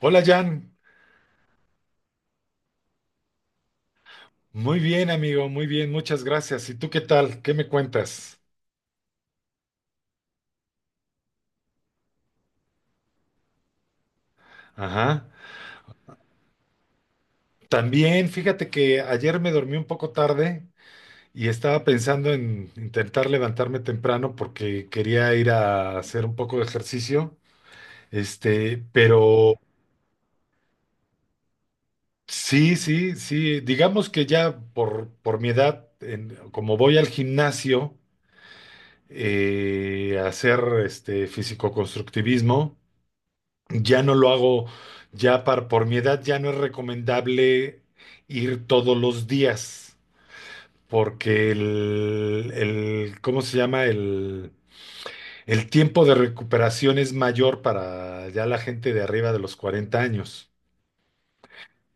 Hola Jan, muy bien amigo, muy bien, muchas gracias. ¿Y tú qué tal? ¿Qué me cuentas? Ajá. También, fíjate que ayer me dormí un poco tarde y estaba pensando en intentar levantarme temprano porque quería ir a hacer un poco de ejercicio. Este, pero sí, sí, sí, digamos que ya por mi edad, como voy al gimnasio, a hacer este físico-constructivismo. Ya no lo hago, por mi edad ya no es recomendable ir todos los días, porque ¿cómo se llama? El tiempo de recuperación es mayor para ya la gente de arriba de los 40 años.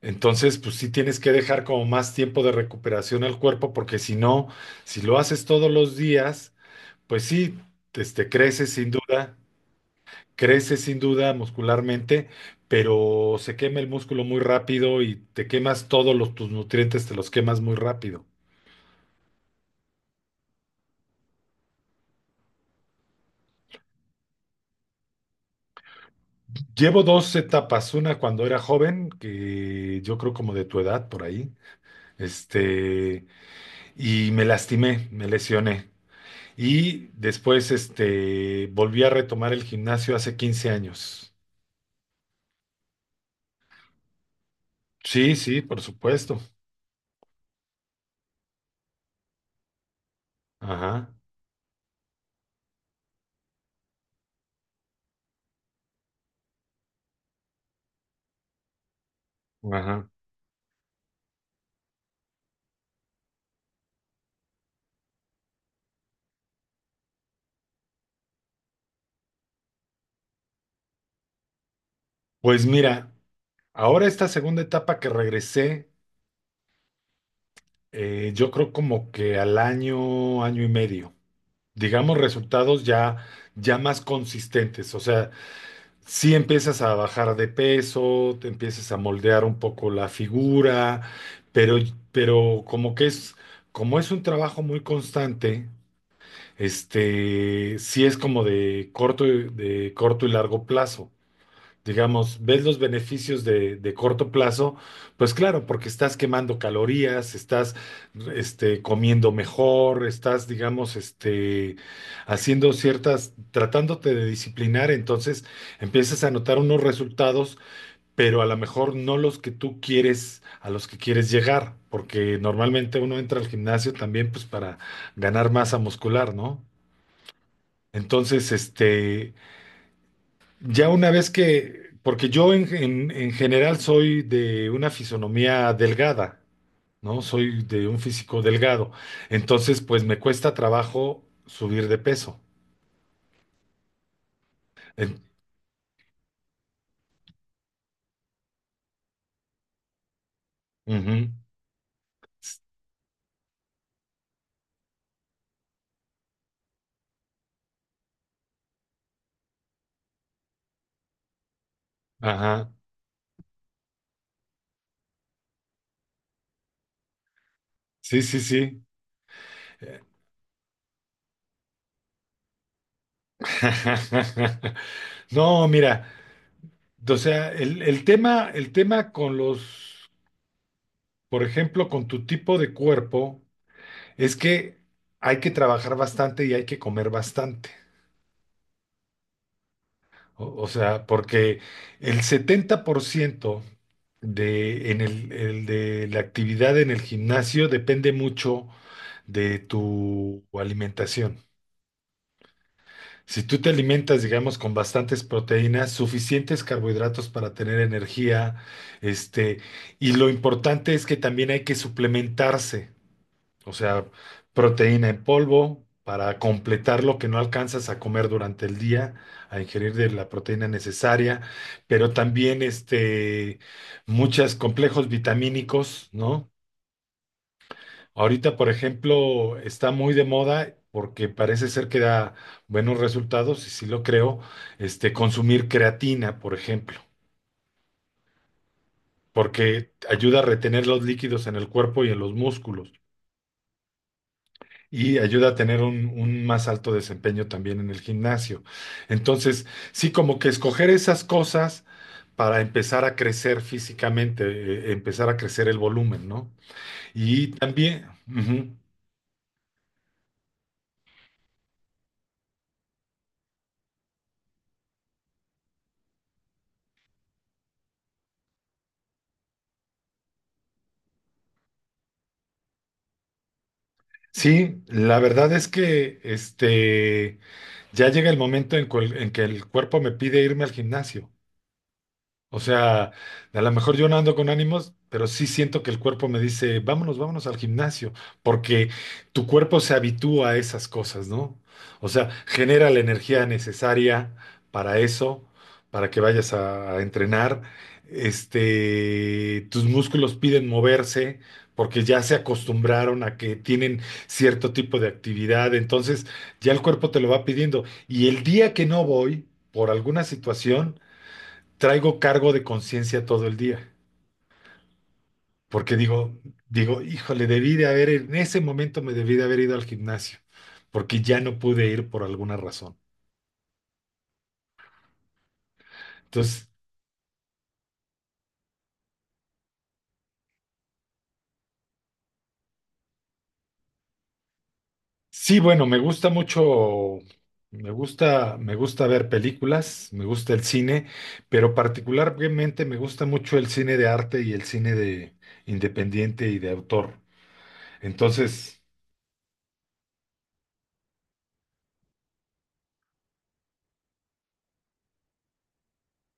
Entonces, pues sí tienes que dejar como más tiempo de recuperación al cuerpo, porque si no, si lo haces todos los días, pues sí, este, creces sin duda. Crece sin duda muscularmente, pero se quema el músculo muy rápido y te quemas tus nutrientes, te los quemas muy rápido. Llevo dos etapas, una cuando era joven, que yo creo como de tu edad por ahí, este, y me lastimé, me lesioné. Y después, este, volví a retomar el gimnasio hace 15 años. Sí, sí, por supuesto. Ajá, ajá. Pues mira, ahora esta segunda etapa que regresé. Yo creo como que al año, año y medio. Digamos resultados ya, ya más consistentes. O sea, si empiezas a bajar de peso, te empiezas a moldear un poco la figura, pero, pero como es un trabajo muy constante, este, sí es como de corto, de corto y largo plazo, digamos, ves los beneficios de corto plazo, pues claro, porque estás quemando calorías, estás este, comiendo mejor, estás, digamos, este, haciendo ciertas, tratándote de disciplinar. Entonces empiezas a notar unos resultados, pero a lo mejor no los que tú quieres, a los que quieres llegar, porque normalmente uno entra al gimnasio también pues para ganar masa muscular, ¿no? Entonces, este, ya una vez que, porque yo en general soy de una fisonomía delgada, ¿no? Soy de un físico delgado. Entonces, pues me cuesta trabajo subir de peso. En- Ujú. Ajá. Sí, sí, sí. No, mira, o sea, el tema con los, por ejemplo, con tu tipo de cuerpo, es que hay que trabajar bastante y hay que comer bastante. O sea, porque el 70% el de la actividad en el gimnasio depende mucho de tu alimentación. Si tú te alimentas, digamos, con bastantes proteínas, suficientes carbohidratos para tener energía, este, y lo importante es que también hay que suplementarse. O sea, proteína en polvo para completar lo que no alcanzas a comer durante el día, a ingerir de la proteína necesaria, pero también este, muchos complejos vitamínicos, ¿no? Ahorita, por ejemplo, está muy de moda porque parece ser que da buenos resultados, y sí lo creo, este, consumir creatina, por ejemplo, porque ayuda a retener los líquidos en el cuerpo y en los músculos, y ayuda a tener un más alto desempeño también en el gimnasio. Entonces, sí, como que escoger esas cosas para empezar a crecer físicamente, empezar a crecer el volumen, ¿no? Y también, ujú, sí, la verdad es que este, ya llega el momento en que el cuerpo me pide irme al gimnasio. O sea, a lo mejor yo no ando con ánimos, pero sí siento que el cuerpo me dice, vámonos, vámonos al gimnasio, porque tu cuerpo se habitúa a esas cosas, ¿no? O sea, genera la energía necesaria para eso, para que vayas a entrenar. Este, tus músculos piden moverse porque ya se acostumbraron a que tienen cierto tipo de actividad, entonces ya el cuerpo te lo va pidiendo. Y el día que no voy, por alguna situación, traigo cargo de conciencia todo el día, porque digo, híjole, debí de haber, en ese momento me debí de haber ido al gimnasio, porque ya no pude ir por alguna razón. Entonces, sí, bueno, me gusta mucho, me gusta ver películas, me gusta el cine, pero particularmente me gusta mucho el cine de arte y el cine de independiente y de autor. Entonces,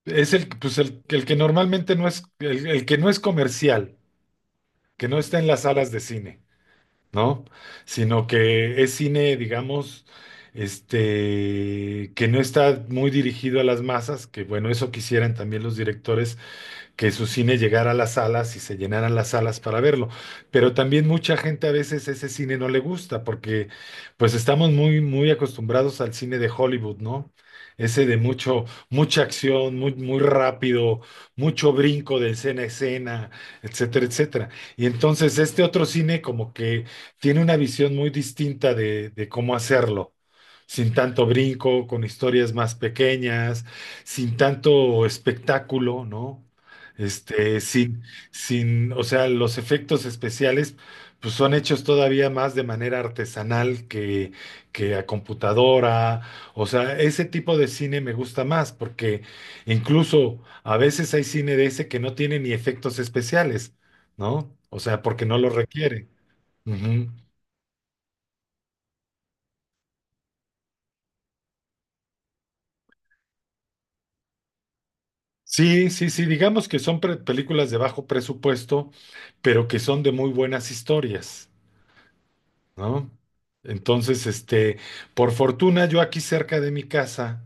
es el que normalmente no es, el que no es comercial, que no está en las salas de cine, ¿no? Sino que es cine, digamos, este, que no está muy dirigido a las masas, que bueno, eso quisieran también los directores que su cine llegara a las salas y se llenaran las salas para verlo. Pero también mucha gente a veces ese cine no le gusta porque pues estamos muy, muy acostumbrados al cine de Hollywood, ¿no? Ese de mucha acción, muy, muy rápido, mucho brinco de escena a escena, etcétera, etcétera. Y entonces este otro cine como que tiene una visión muy distinta de cómo hacerlo sin tanto brinco, con historias más pequeñas, sin tanto espectáculo, ¿no? Este, sin, sin, o sea, los efectos especiales, pues son hechos todavía más de manera artesanal que a computadora. O sea, ese tipo de cine me gusta más, porque incluso a veces hay cine de ese que no tiene ni efectos especiales, ¿no? O sea, porque no lo requiere. Ujú. Sí, sí, sí, digamos que son películas de bajo presupuesto, pero que son de muy buenas historias, ¿no? Entonces, este, por fortuna, yo aquí cerca de mi casa,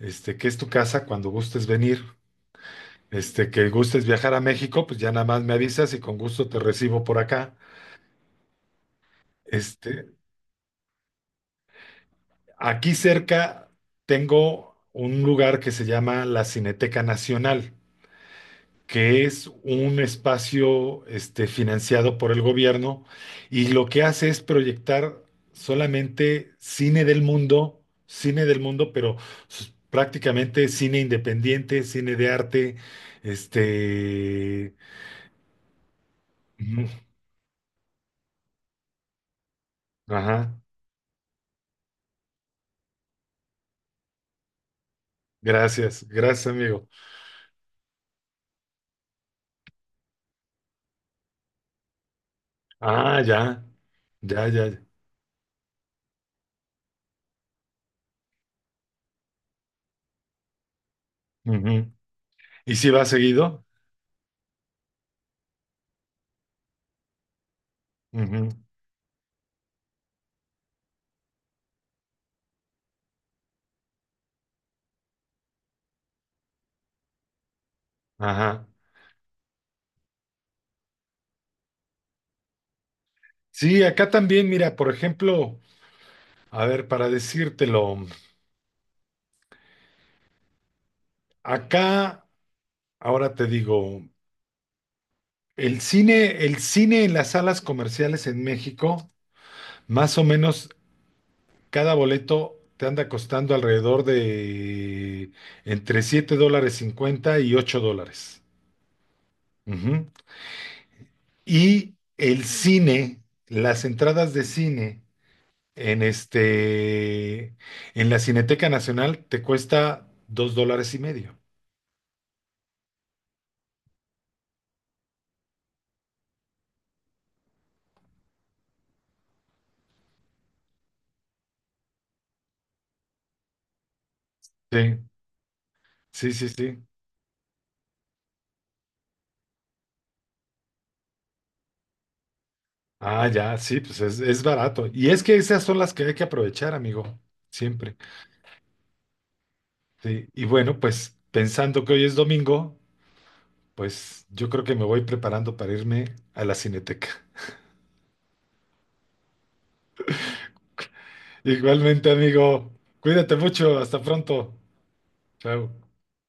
este, que es tu casa, cuando gustes venir, este, que gustes viajar a México, pues ya nada más me avisas y con gusto te recibo por acá. Este, aquí cerca tengo un lugar que se llama la Cineteca Nacional, que es un espacio este, financiado por el gobierno y lo que hace es proyectar solamente cine del mundo, pero prácticamente cine independiente, cine de arte, este. Ujú. Ajá. Gracias, gracias, amigo. Ah, ya, ya, ya, ya, ujú. ¿Y si va seguido? Ujú. Ajá. Sí, acá también, mira, por ejemplo, a ver, para decírtelo. Acá, ahora te digo, el cine en las salas comerciales en México, más o menos cada boleto te anda costando alrededor de entre 7.50 dólares y 8 dólares. Ujú. Y el cine, las entradas de cine en este, en la Cineteca Nacional te cuesta 2.50 dólares. Sí, sí, sí, sí. Ah, ya, sí, pues es barato. Y es que esas son las que hay que aprovechar, amigo, siempre. Sí, y bueno, pues pensando que hoy es domingo, pues yo creo que me voy preparando para irme a la Cineteca. Igualmente, amigo, cuídate mucho, hasta pronto. Chao.